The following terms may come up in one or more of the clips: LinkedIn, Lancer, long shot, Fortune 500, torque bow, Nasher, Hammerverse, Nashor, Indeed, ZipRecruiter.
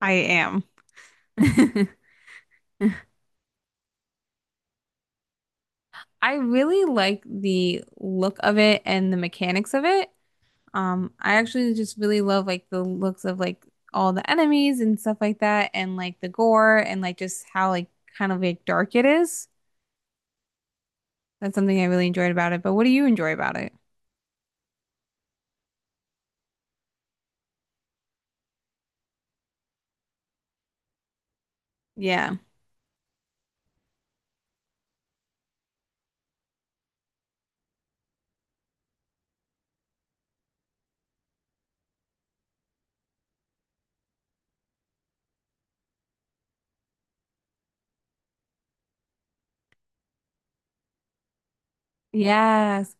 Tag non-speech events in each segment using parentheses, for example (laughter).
I am. (laughs) I really like the look of it and the mechanics of it. I actually just really love like the looks of like all the enemies and stuff like that, and like the gore and like just how like kind of like dark it is. That's something I really enjoyed about it. But what do you enjoy about it? Yeah. Yes,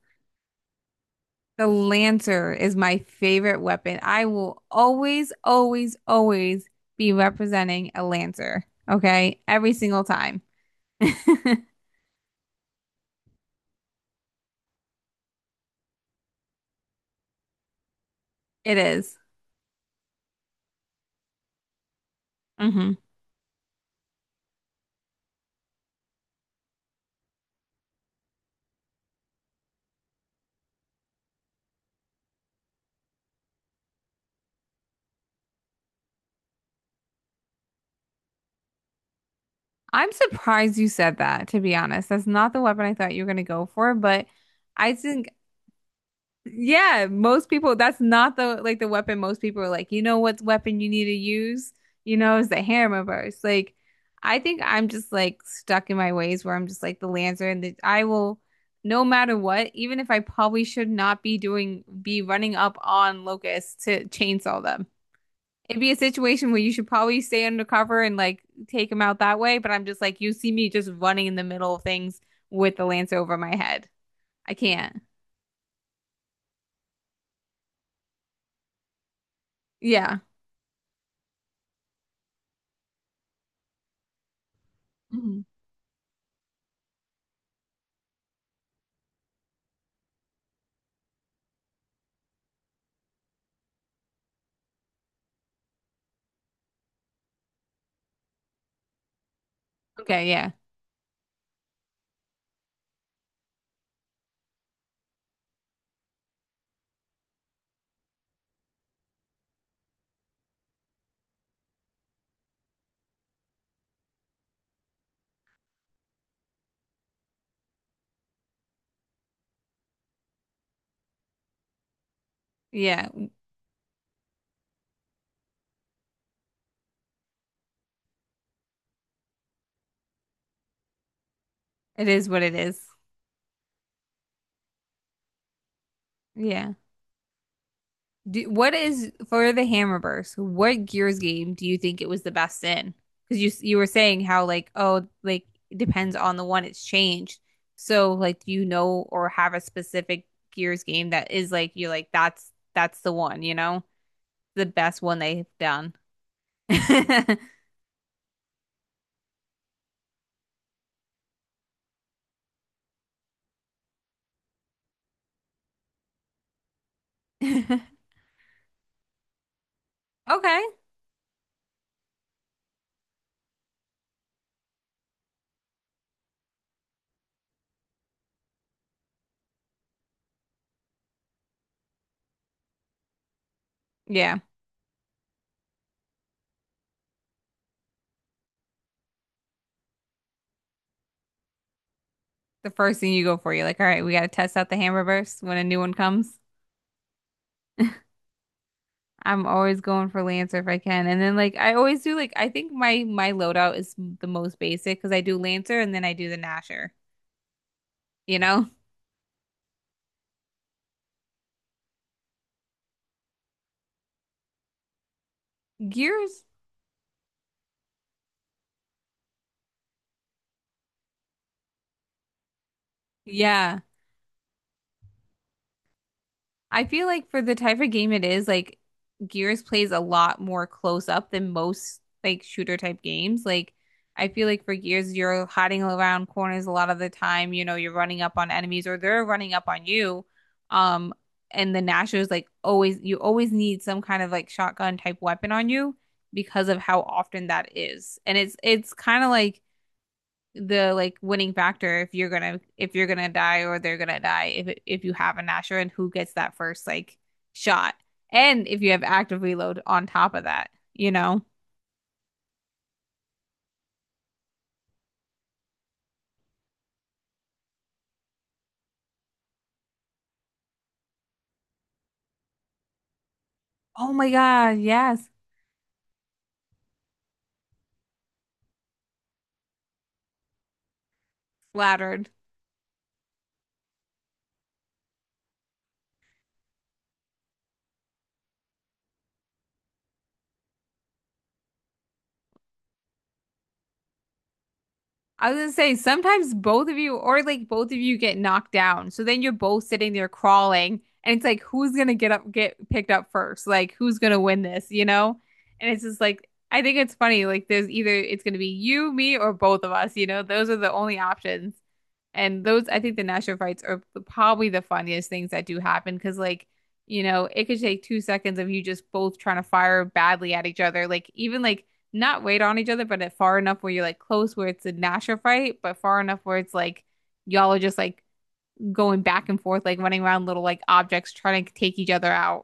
the Lancer is my favorite weapon. I will always, always, always be representing a Lancer. Okay, every single time. (laughs) It is. Mm-hmm. I'm surprised you said that, to be honest. That's not the weapon I thought you were gonna go for, but I think yeah, most people that's not the like the weapon most people are like, you know what weapon you need to use, you know, is the hammer burst. Like I think I'm just like stuck in my ways where I'm just like the lancer and the I will no matter what, even if I probably should not be doing be running up on locusts to chainsaw them. It'd be a situation where you should probably stay undercover and like take him out that way, but I'm just like, you see me just running in the middle of things with the lance over my head. I can't. Yeah. Mhm. Okay, yeah. Yeah. It is what it is. Yeah. Do, what is for the Hammerverse? What Gears game do you think it was the best in? Because you were saying how like oh like it depends on the one it's changed. So like do you know or have a specific Gears game that is like you're like that's the one, you know? The best one they've done. (laughs) Okay. Yeah. The first thing you go for, you're like, all right, we got to test out the Hammerverse when a new one comes. I'm always going for Lancer if I can. And then like I always do like I think my loadout is the most basic because I do Lancer and then I do the Nasher. You know? Gears? Yeah. I feel like for the type of game it is, like Gears plays a lot more close up than most like shooter type games. Like I feel like for Gears, you're hiding around corners a lot of the time. You know, you're running up on enemies or they're running up on you. Um, and the Nashor is like always, you always need some kind of like shotgun type weapon on you because of how often that is. And it's kind of like the like winning factor if you're gonna die or they're gonna die if you have a Nasher and who gets that first like shot and if you have active reload on top of that, you know. Oh my God, yes. Flattered. I was gonna say sometimes both of you or like both of you get knocked down. So then you're both sitting there crawling and it's like who's gonna get up get picked up first? Like who's gonna win this, you know? And it's just like I think it's funny, like there's either it's gonna be you, me, or both of us, you know? Those are the only options. And those I think the national fights are probably the funniest things that do happen because like you know, it could take 2 seconds of you just both trying to fire badly at each other. Like even like not wait on each other, but at far enough where you're like close where it's a Nasher fight, but far enough where it's like y'all are just like going back and forth, like running around little like objects trying to take each other out.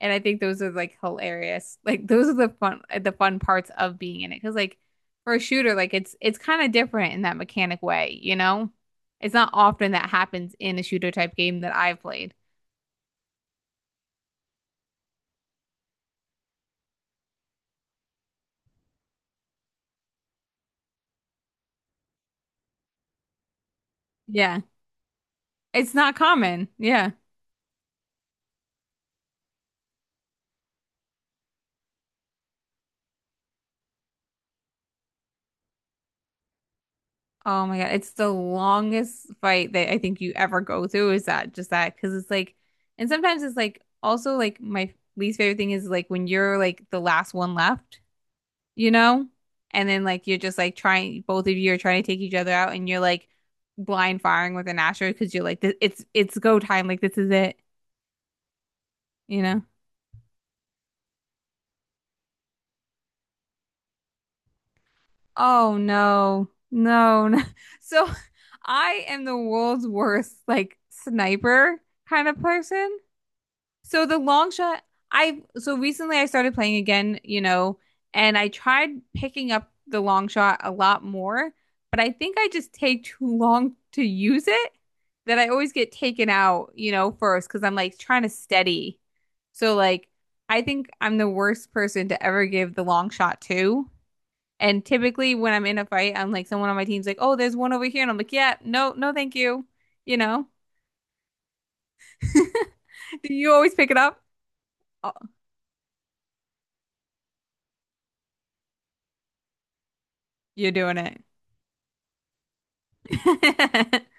And I think those are like hilarious. Like those are the fun parts of being in it. Cause like for a shooter, like it's kind of different in that mechanic way, you know? It's not often that happens in a shooter type game that I've played. Yeah. It's not common. Yeah. Oh my God, it's the longest fight that I think you ever go through is that just that because it's like and sometimes it's like also like my least favorite thing is like when you're like the last one left, you know? And then like you're just like trying both of you are trying to take each other out and you're like blind firing with an asteroid because you're like it's go time like this is it, you know? Oh no. No, no. (laughs) So I am the world's worst like sniper kind of person. So the long shot, I so recently I started playing again, you know, and I tried picking up the long shot a lot more, but I think I just take too long to use it that I always get taken out, you know, first because I'm like trying to steady. So like I think I'm the worst person to ever give the long shot to. And typically when I'm in a fight, I'm like someone on my team's like, "Oh, there's one over here." And I'm like, "Yeah, no, no, thank you." You know? (laughs) Do you always pick it up? Oh, you're doing it. (laughs)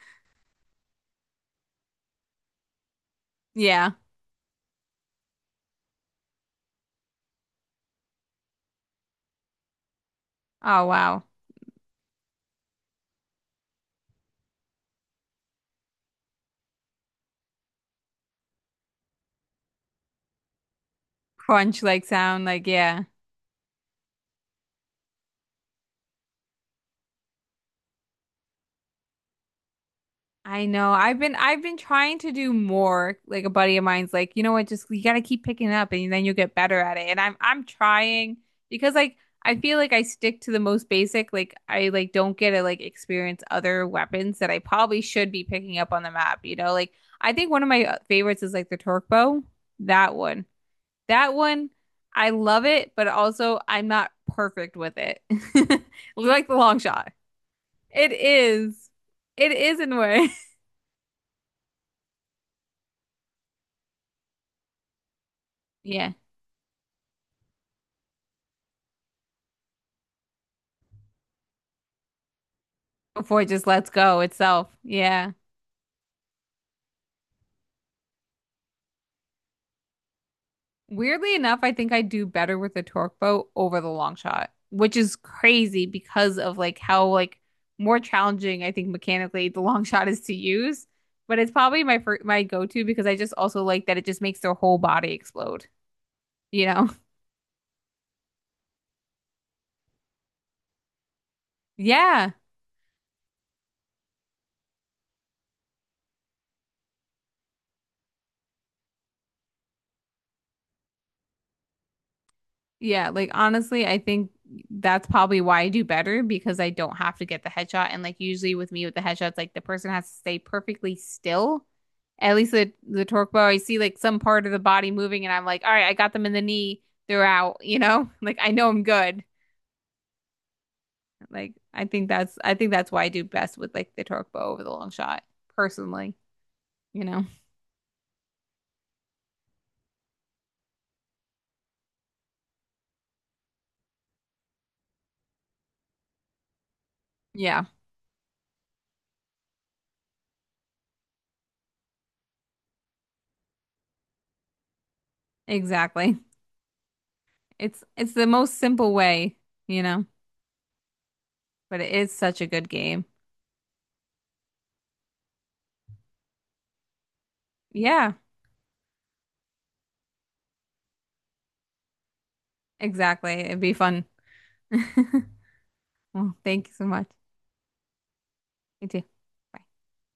Yeah. Oh wow. Crunch like sound like yeah. I know. I've been trying to do more. Like a buddy of mine's like, you know what, just you gotta keep picking it up and then you'll get better at it. And I'm trying because like I feel like I stick to the most basic. Like I like don't get to like experience other weapons that I probably should be picking up on the map, you know? Like I think one of my favorites is like the torque bow. That one. That one I love it, but also I'm not perfect with it. (laughs) Like the long shot. It is. It is in a way. (laughs) Yeah. Before it just lets go itself. Yeah. Weirdly enough, I think I do better with the torque boat over the long shot, which is crazy because of like how like more challenging I think mechanically the long (laughs) shot is to use. But it's probably my go-to because I just also like that it just makes their whole body explode, you know? (laughs) Yeah. Yeah, like honestly, I think that's probably why I do better because I don't have to get the headshot. And like usually with me with the headshots, like the person has to stay perfectly still. At least the torque bow, I see like some part of the body moving, and I'm like, all right, I got them in the knee. They're out, you know? (laughs) Like I know I'm good. Like I think that's why I do best with like the torque bow over the long shot, personally, you know? Yeah, exactly. It's the most simple way, you know, but it is such a good game. Yeah. Exactly. It'd be fun. (laughs) Well, thank you so much. You too. Bye.